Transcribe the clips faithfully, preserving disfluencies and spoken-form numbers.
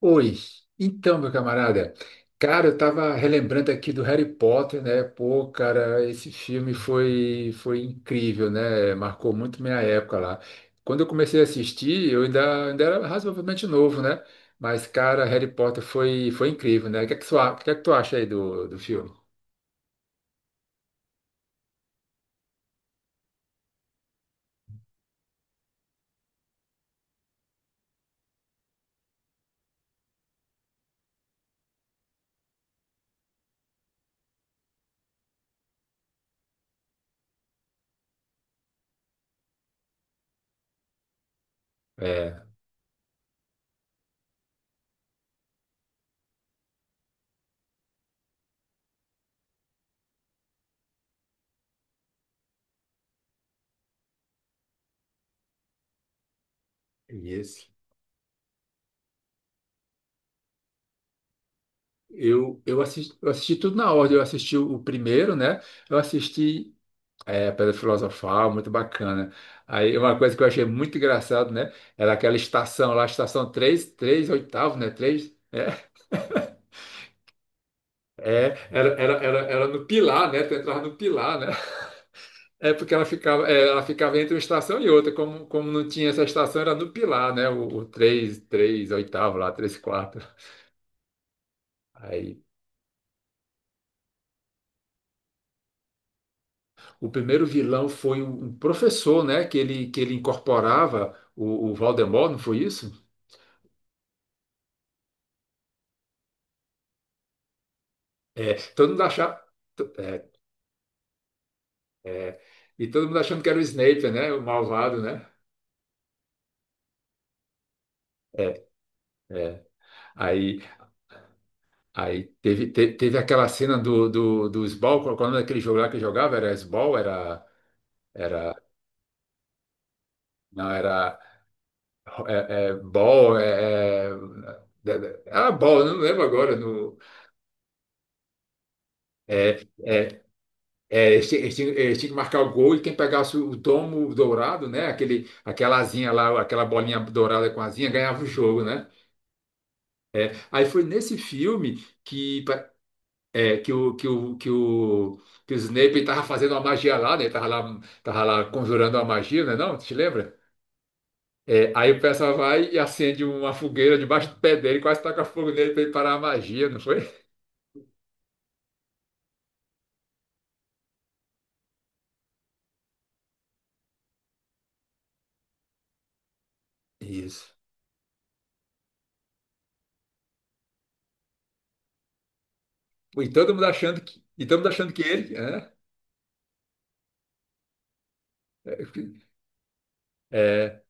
Oi, então, meu camarada, cara, eu tava relembrando aqui do Harry Potter, né? Pô, cara, esse filme foi, foi incrível, né? Marcou muito minha época lá. Quando eu comecei a assistir, eu ainda, ainda era razoavelmente novo, né? Mas, cara, Harry Potter foi, foi incrível, né? O que é que, tu a- o que é que tu acha aí do, do filme? É, isso. Eu, eu assisti, eu assisti tudo na ordem. Eu assisti o primeiro, né? Eu assisti É, Pedra Filosofal, muito bacana. Aí uma coisa que eu achei muito engraçado, né? Era aquela estação lá, estação três três oitavo, né? Três, né? É, era, era, era, era no Pilar, né? Tu entrava no Pilar, né? É porque ela ficava, é, ela ficava entre uma estação e outra. Como, como não tinha essa estação, era no Pilar, né? O, o três 3 oitavo lá, três quarto. Aí, o primeiro vilão foi um um professor, né? Que ele, que ele incorporava o, o Voldemort, não foi isso? É, todo mundo achava. É, e todo mundo achando que era o Snape, né? O malvado, né? É, é. Aí, aí teve, te- teve aquela cena do, do, do Sball, qual qual é o nome daquele jogo lá que jogava? Era Sball? Era, era, não, era é, é, Ball, é, é, é, é, era Ball, eu não lembro agora. No, é, é, é, eles, ti- eles tinham, eles tinham que marcar o gol e quem pegasse o domo dourado, né? Aquele, aquela asinha lá, aquela bolinha dourada com asinha, ganhava o jogo, né? É, aí foi nesse filme que É, que o, que o, que o, que o Snape tava fazendo uma magia lá, né? Ele Tava lá, tava lá conjurando uma magia, né? Não, tu te lembra? É, aí o pessoal vai e acende uma fogueira debaixo do pé dele, quase taca fogo nele para ele parar a magia, não foi? Isso. E todo mundo achando que, e todo mundo achando que ele, né? É,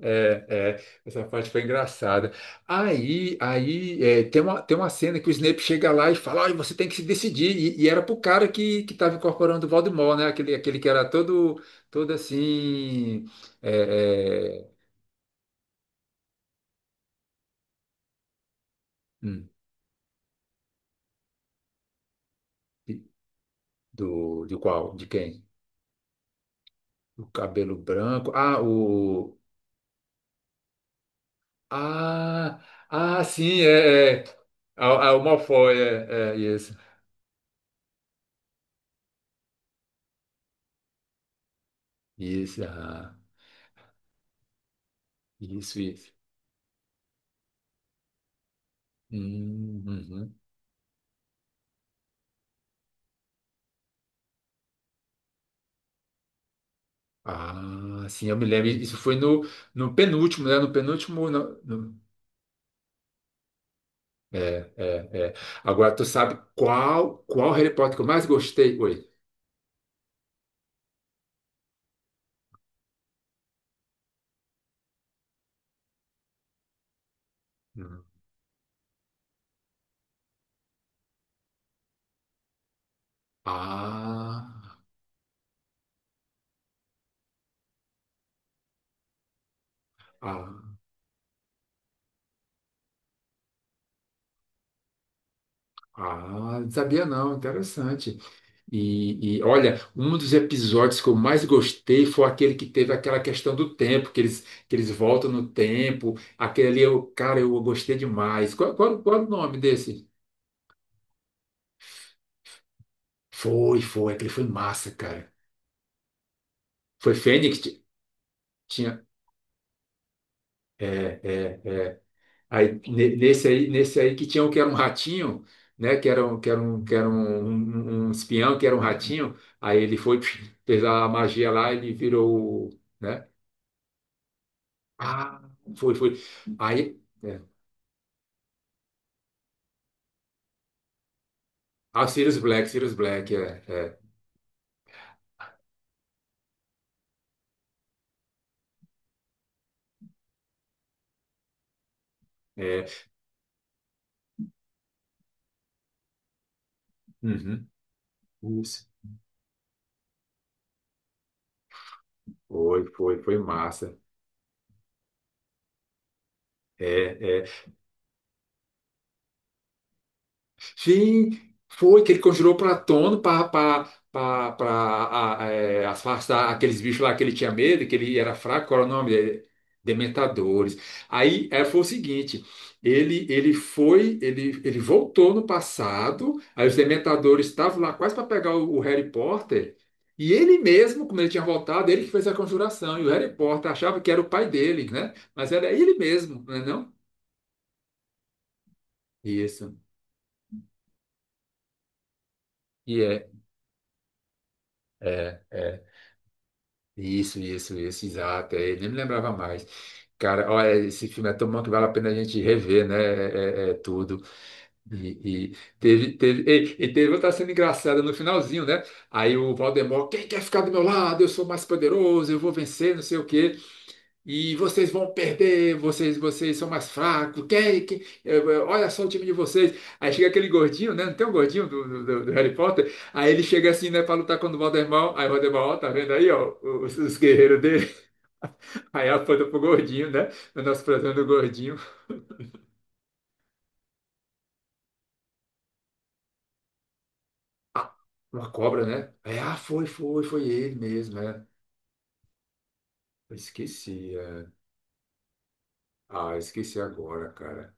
É, é, essa parte foi engraçada. Aí, aí é, tem uma, tem uma cena que o Snape chega lá e fala, olha, você tem que se decidir. E, e era pro cara que, que tava incorporando o Voldemort, né? Aquele, aquele que era todo, todo assim. é, é, hum, do, de qual? De quem? O cabelo branco. Ah, o. Ah, ah, sim, é. É. Ah, ah, o Malfoy, é, é, isso. Isso, ah, isso, isso. Hum, uhum. Ah, sim, eu me lembro. Isso foi no, no penúltimo, né? No penúltimo. no- no- É, é, é. Agora, tu sabe qual, qual Harry Potter que eu mais gostei? Oi. Hum. Ah, ah, ah, não sabia não, interessante. E, e, olha, um dos episódios que eu mais gostei foi aquele que teve aquela questão do tempo, que eles, que eles voltam no tempo. Aquele ali, eu, cara, eu gostei demais. Qual, qual, qual é o nome desse? Foi, foi, aquele foi massa, cara. Foi Fênix? Tinha, é, é, é. Aí, ne- nesse aí, nesse aí que tinha um que era um ratinho, né? Que era um, que era um, que era um, um, um espião, que era um ratinho. Aí ele foi, fez a magia lá, ele virou, o- né? Ah, foi, foi. Aí, é. Ah, Sirius Black, Sirius Black, é, é, é. Uhum. Isso. Foi, foi, foi massa. É, é. Sim, foi que ele conjurou Platão para afastar aqueles bichos lá que ele tinha medo, que ele era fraco, qual era o nome dele? Dementadores. Aí é, foi o seguinte, ele, ele foi, ele, ele voltou no passado, aí os Dementadores estavam lá quase para pegar o, o Harry Potter, e ele mesmo, como ele tinha voltado, ele que fez a conjuração, e o Harry Potter achava que era o pai dele, né? Mas era ele mesmo, não é não? Isso. E é, é, é. Isso, isso, isso, exato. É, nem me lembrava mais. Cara, olha, esse filme é tão bom que vale a pena a gente rever, né? É, é- é tudo. E, e teve, teve, e, e teve outra cena engraçada no finalzinho, né? Aí o Valdemar, quem quer ficar do meu lado? Eu sou mais poderoso, eu vou vencer, não sei o quê. E vocês vão perder, vocês, vocês são mais fracos. Quem, quem, eh, eh, olha só o time de vocês. Aí chega aquele gordinho, né? Não tem um gordinho do, do- do- do Harry Potter? Aí ele chega assim, né, pra lutar contra o Voldemort. Aí o Voldemort, ó, tá vendo aí, ó, os, os guerreiros dele. Aí aponta pro gordinho, né? O nosso fratão do gordinho. Ah, uma cobra, né? Aí, ah, foi, foi, foi ele mesmo, né? Eu esqueci. É. Ah, eu esqueci agora, cara.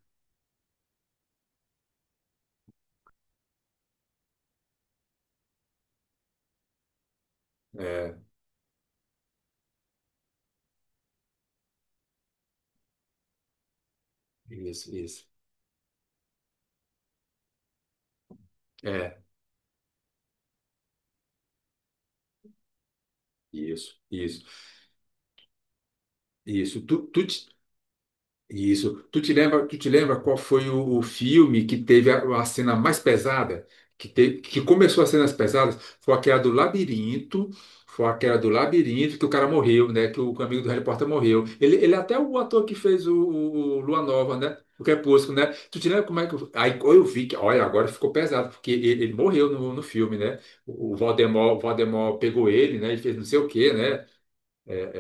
É, isso, isso. É, isso, isso. Isso. Tu, tu, Isso. Tu te lembra, tu te lembra qual foi o, o filme que teve a, a cena mais pesada? Que, te, que começou as cenas pesadas? Foi aquela do labirinto. Foi aquela do labirinto que o cara morreu, né? Que o amigo do Harry Potter morreu. Ele, ele é até o ator que fez o, o, o Lua Nova, né? O Crepúsculo, né? Tu te lembra como é que. Aí eu vi que, olha, agora ficou pesado, porque ele, ele morreu no, no filme, né? O o Voldemort, o Voldemort pegou ele, né? E fez não sei o quê, né? É,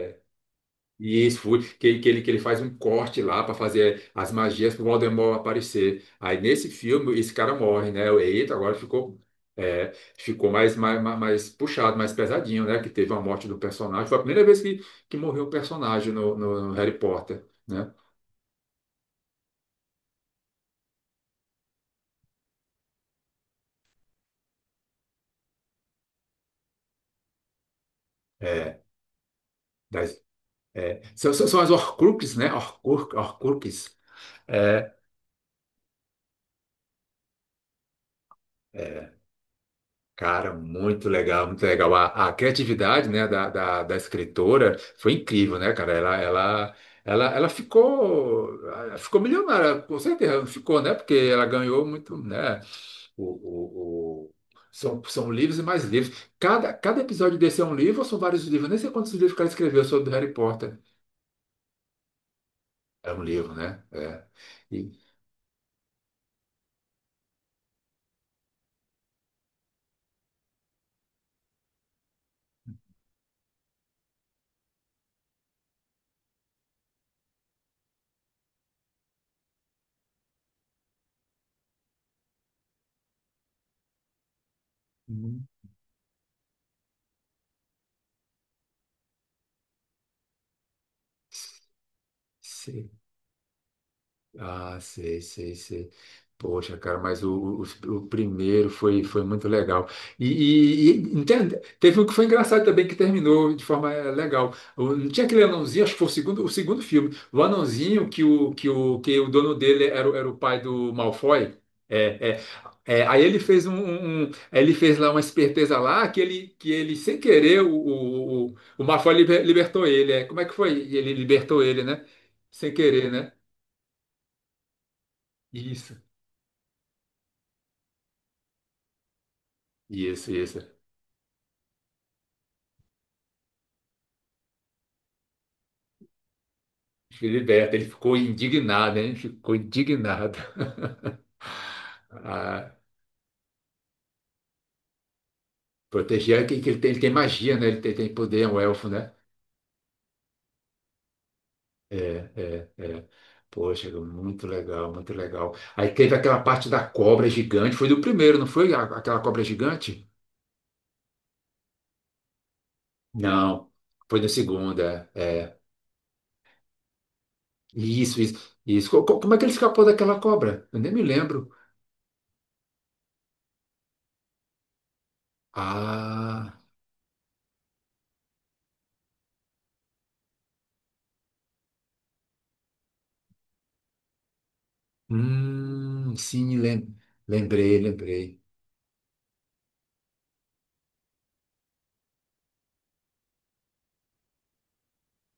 e isso foi que, ele- que ele que ele faz um corte lá para fazer as magias pro Voldemort aparecer. Aí nesse filme esse cara morre, né? Eita, agora ficou é, ficou mais, mais mais mais puxado, mais pesadinho, né? Que teve a morte do personagem. Foi a primeira vez que, que morreu um personagem no, no, no Harry Potter, né? É, das- é, são, são, são as Horcruxes, né? Horcrux, Horcruxes. É. É. Cara, muito legal, muito legal. A, a criatividade, né, da, da, da escritora foi incrível, né, cara? Ela, ela, ela, ela ficou, ela ficou milionária, com certeza, não ficou, né? Porque ela ganhou muito, né? O, o, o- São, são livros e mais livros. Cada, cada episódio desse é um livro ou são vários livros? Eu nem sei quantos livros que ela escreveu sobre Harry Potter. É um livro, né? É. E... Hum. Ah, sei, sei, sei. Poxa, cara, mas o, o, o primeiro foi, foi muito legal. E, e, e, entende? Teve um que foi engraçado também, que terminou de forma eh, legal. O- Não tinha aquele anãozinho, acho que foi o segundo, o segundo filme. O anãozinho que o, que o, que o dono dele era, o- era o pai do Malfoy. É, é. É, aí ele fez um, um- um- ele fez lá uma esperteza lá que ele, que ele sem querer o, o, o, o Malfoy liber- libertou ele. É. Como é que foi? Ele libertou ele, né? Sem querer, né? Isso. Isso, isso. Filiberto, ele ficou indignado, hein? Ficou indignado. Ah, proteger que, que ele tem, ele tem magia, né? Ele tem, tem poder, é um elfo, né? É, é, é. Poxa, muito legal, muito legal. Aí teve aquela parte da cobra gigante, foi do primeiro, não foi? A- Aquela cobra gigante? Não, foi da segunda. É. É. Isso, isso, isso. Co- co- Como é que ele escapou daquela cobra? Eu nem me lembro. Ah, hum, sim, lem- lembrei, lembrei.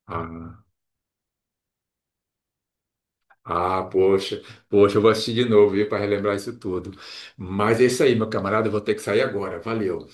Ah. Ah, poxa, poxa, eu vou assistir de novo, viu, para relembrar isso tudo. Mas é isso aí, meu camarada, eu vou ter que sair agora. Valeu.